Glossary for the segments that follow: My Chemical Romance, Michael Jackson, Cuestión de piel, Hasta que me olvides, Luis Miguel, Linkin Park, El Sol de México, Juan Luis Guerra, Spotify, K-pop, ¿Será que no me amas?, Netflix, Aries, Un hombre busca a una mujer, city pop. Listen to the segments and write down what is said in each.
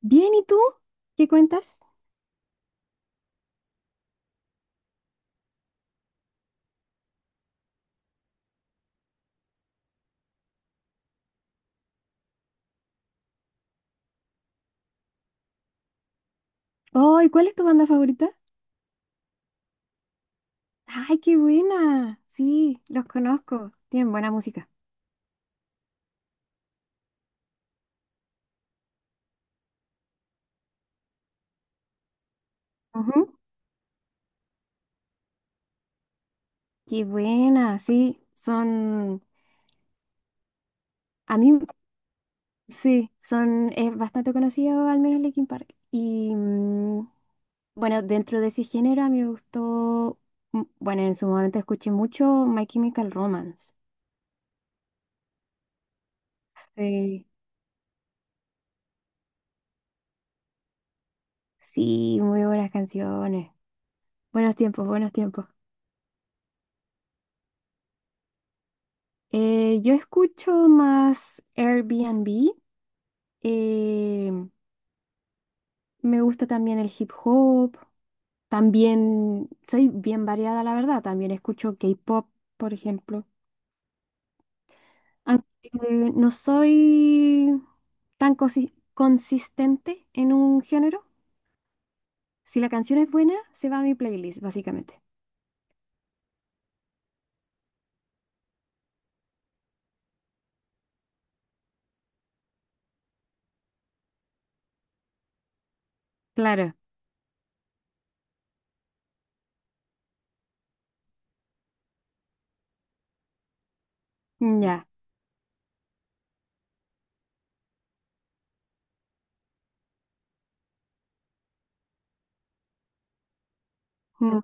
Bien, ¿y tú? ¿Qué cuentas? Oh, ¿y cuál es tu banda favorita? ¡Ay, qué buena! Sí, los conozco. Tienen buena música. Ujú. Qué buena, sí. Son, a mí, sí, son, es bastante conocido, al menos Linkin Park. Y mm, bueno, dentro de ese género a mí me gustó, mm, bueno, en su momento escuché mucho My Chemical Romance. Sí. Sí, muy buenas canciones. Buenos tiempos, buenos tiempos. Yo escucho más Airbnb, eh, me gusta también el hip hop, también soy bien variada, la verdad, también escucho K-pop, por ejemplo. Aunque no soy tan consistente en un género, si la canción es buena, se va a mi playlist, básicamente. Claro, ya. Mm,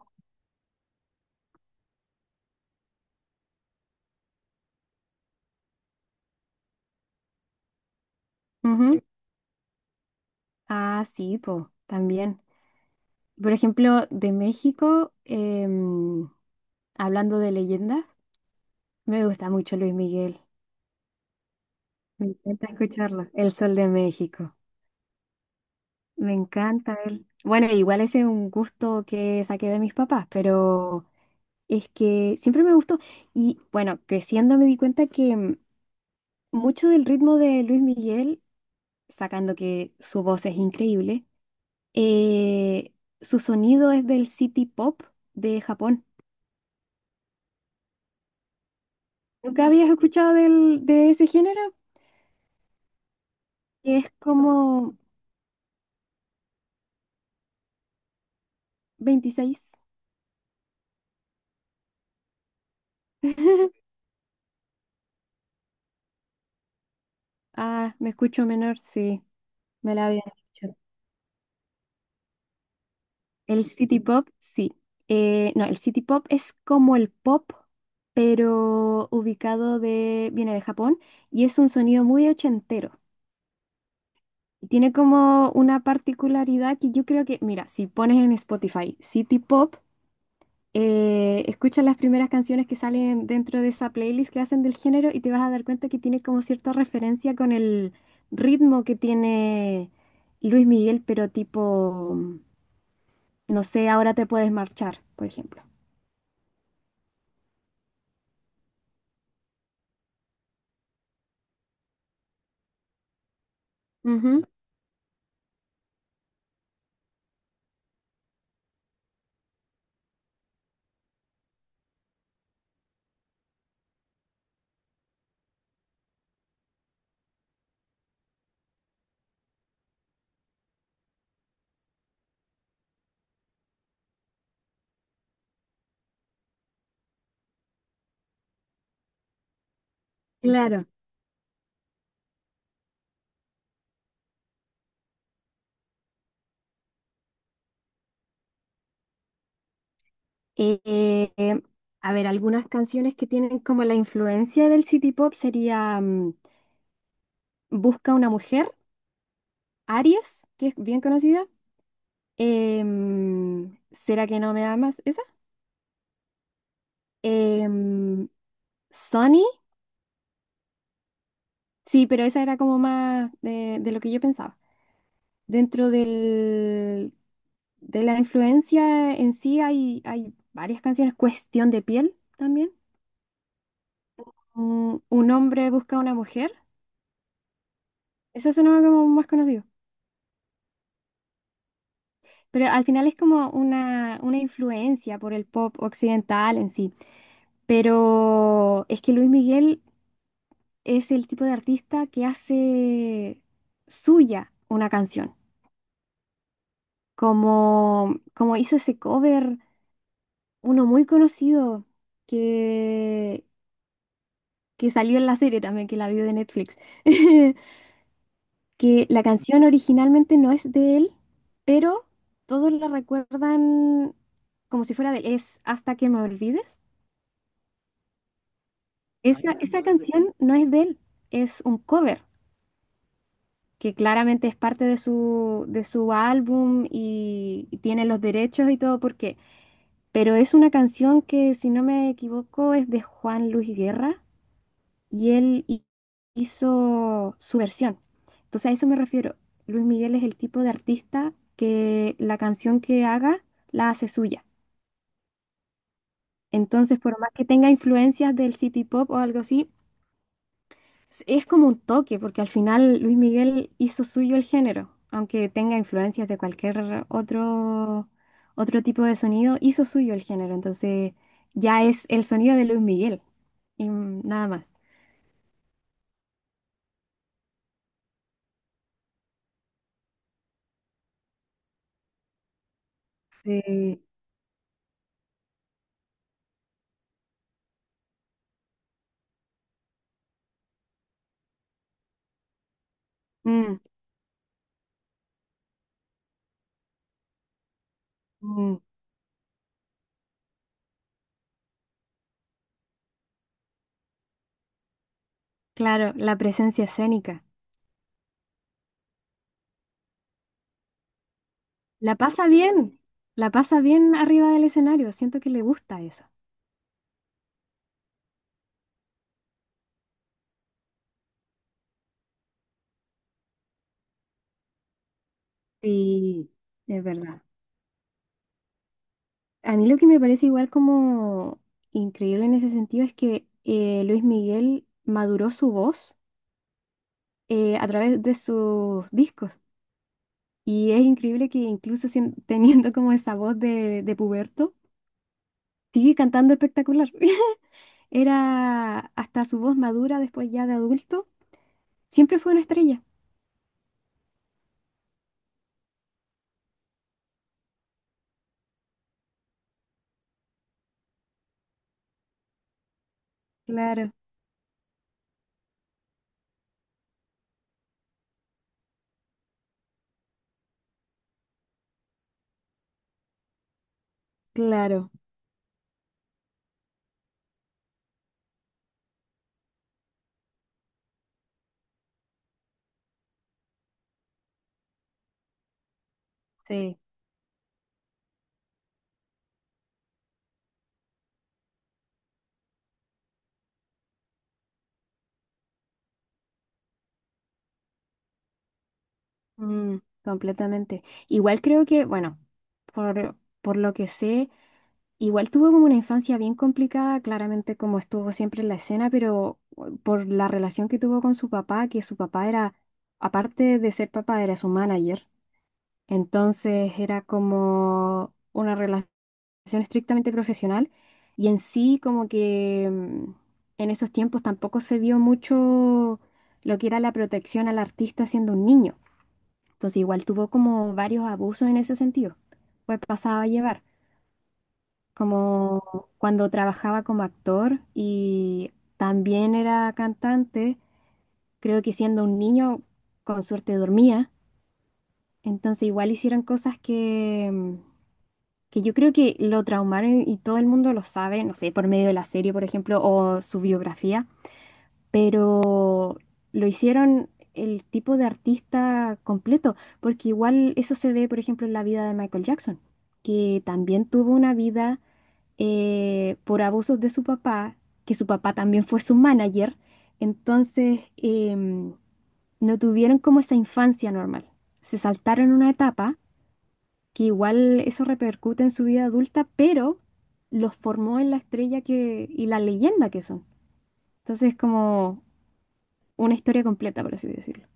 ujú. Ah, sí, po, también. Por ejemplo, de México, hablando de leyendas. Me gusta mucho Luis Miguel. Me encanta escucharlo. El Sol de México. Me encanta él. Bueno, igual ese es un gusto que saqué de mis papás, pero es que siempre me gustó. Y bueno, creciendo me di cuenta que mucho del ritmo de Luis Miguel, sacando que su voz es increíble, eh, su sonido es del city pop de Japón. ¿Nunca habías escuchado de ese género? Que es como 26. Ah, me escucho menor, sí, me la había dicho. El city pop, sí. No, el city pop es como el pop, pero ubicado de, viene de Japón y es un sonido muy ochentero. Y tiene como una particularidad que yo creo que, mira, si pones en Spotify city pop, escucha las primeras canciones que salen dentro de esa playlist que hacen del género y te vas a dar cuenta que tiene como cierta referencia con el ritmo que tiene Luis Miguel, pero tipo, no sé, ahora te puedes marchar, por ejemplo. Ujú, claro. Eh, eh, eh, a ver, algunas canciones que tienen como la influencia del City Pop sería Busca una mujer, Aries, que es bien conocida. ¿Será que no me amas? ¿Esa? Em, Sony, sí, pero esa era como más de lo que yo pensaba. Dentro del, de la influencia en sí hay varias canciones. Cuestión de piel también. Un hombre busca a una mujer. Esa sonaba como más conocido. Pero al final es como una influencia por el pop occidental en sí. Pero es que Luis Miguel es el tipo de artista que hace suya una canción. Como, como hizo ese cover. Uno muy conocido que, que salió en la serie también, que la vi de Netflix, que la canción originalmente no es de él, pero todos la recuerdan como si fuera de él, es Hasta que me olvides. Esa canción no es de él, es un cover, que claramente es parte de de su álbum y tiene los derechos y todo porque, pero es una canción que si no me equivoco es de Juan Luis Guerra y hizo su versión. Entonces a eso me refiero. Luis Miguel es el tipo de artista que la canción que haga la hace suya. Entonces, por más que tenga influencias del city pop o algo así, es como un toque, porque al final Luis Miguel hizo suyo el género, aunque tenga influencias de cualquier otro, otro tipo de sonido, hizo suyo el género. Entonces, ya es el sonido de Luis Miguel y nada más. Sí. Mm, mm. Claro, la presencia escénica. La pasa bien, la pasa bien arriba del escenario, siento que le gusta eso. Sí, es verdad. A mí lo que me parece igual como increíble en ese sentido es que Luis Miguel maduró su voz a través de sus discos. Y es increíble que incluso teniendo como esa voz de puberto, sigue cantando espectacular. Era hasta su voz madura después ya de adulto, siempre fue una estrella. Claro, claro. Sí, mm, completamente. Igual creo que, bueno, por lo que sé, igual tuvo como una infancia bien complicada, claramente como estuvo siempre en la escena, pero por la relación que tuvo con su papá, que su papá era, aparte de ser papá, era su manager. Entonces era como una relación estrictamente profesional y en sí como que en esos tiempos tampoco se vio mucho lo que era la protección al artista siendo un niño. Entonces igual tuvo como varios abusos en ese sentido. Pues pasaba a llevar, como cuando trabajaba como actor y también era cantante, creo que siendo un niño con suerte dormía. Entonces igual hicieron cosas que, que yo creo que lo traumaron y todo el mundo lo sabe, no sé, por medio de la serie, por ejemplo, o su biografía, pero lo hicieron el tipo de artista completo, porque igual eso se ve, por ejemplo, en la vida de Michael Jackson, que también tuvo una vida por abusos de su papá, que su papá también fue su manager, entonces no tuvieron como esa infancia normal, se saltaron una etapa que igual eso repercute en su vida adulta, pero los formó en la estrella que, y la leyenda que son. Entonces, como una historia completa, por así decirlo.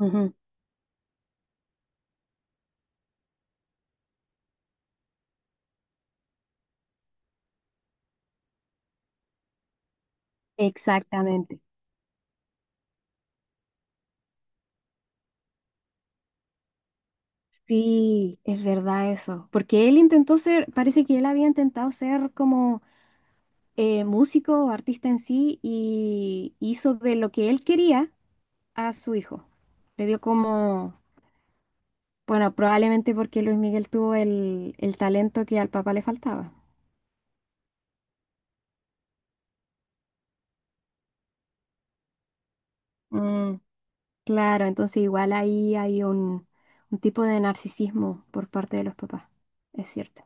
Ujú, exactamente. Sí, es verdad eso. Porque él intentó ser, parece que él había intentado ser como músico o artista en sí y hizo de lo que él quería a su hijo. Le dio como, bueno, probablemente porque Luis Miguel tuvo el talento que al papá le faltaba. Mm, claro, entonces igual ahí hay un tipo de narcisismo por parte de los papás, es cierto.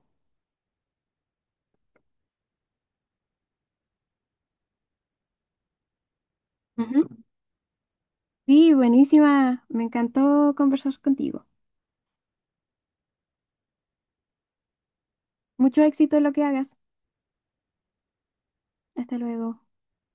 Ujú. Sí, buenísima. Me encantó conversar contigo. Mucho éxito en lo que hagas. Hasta luego.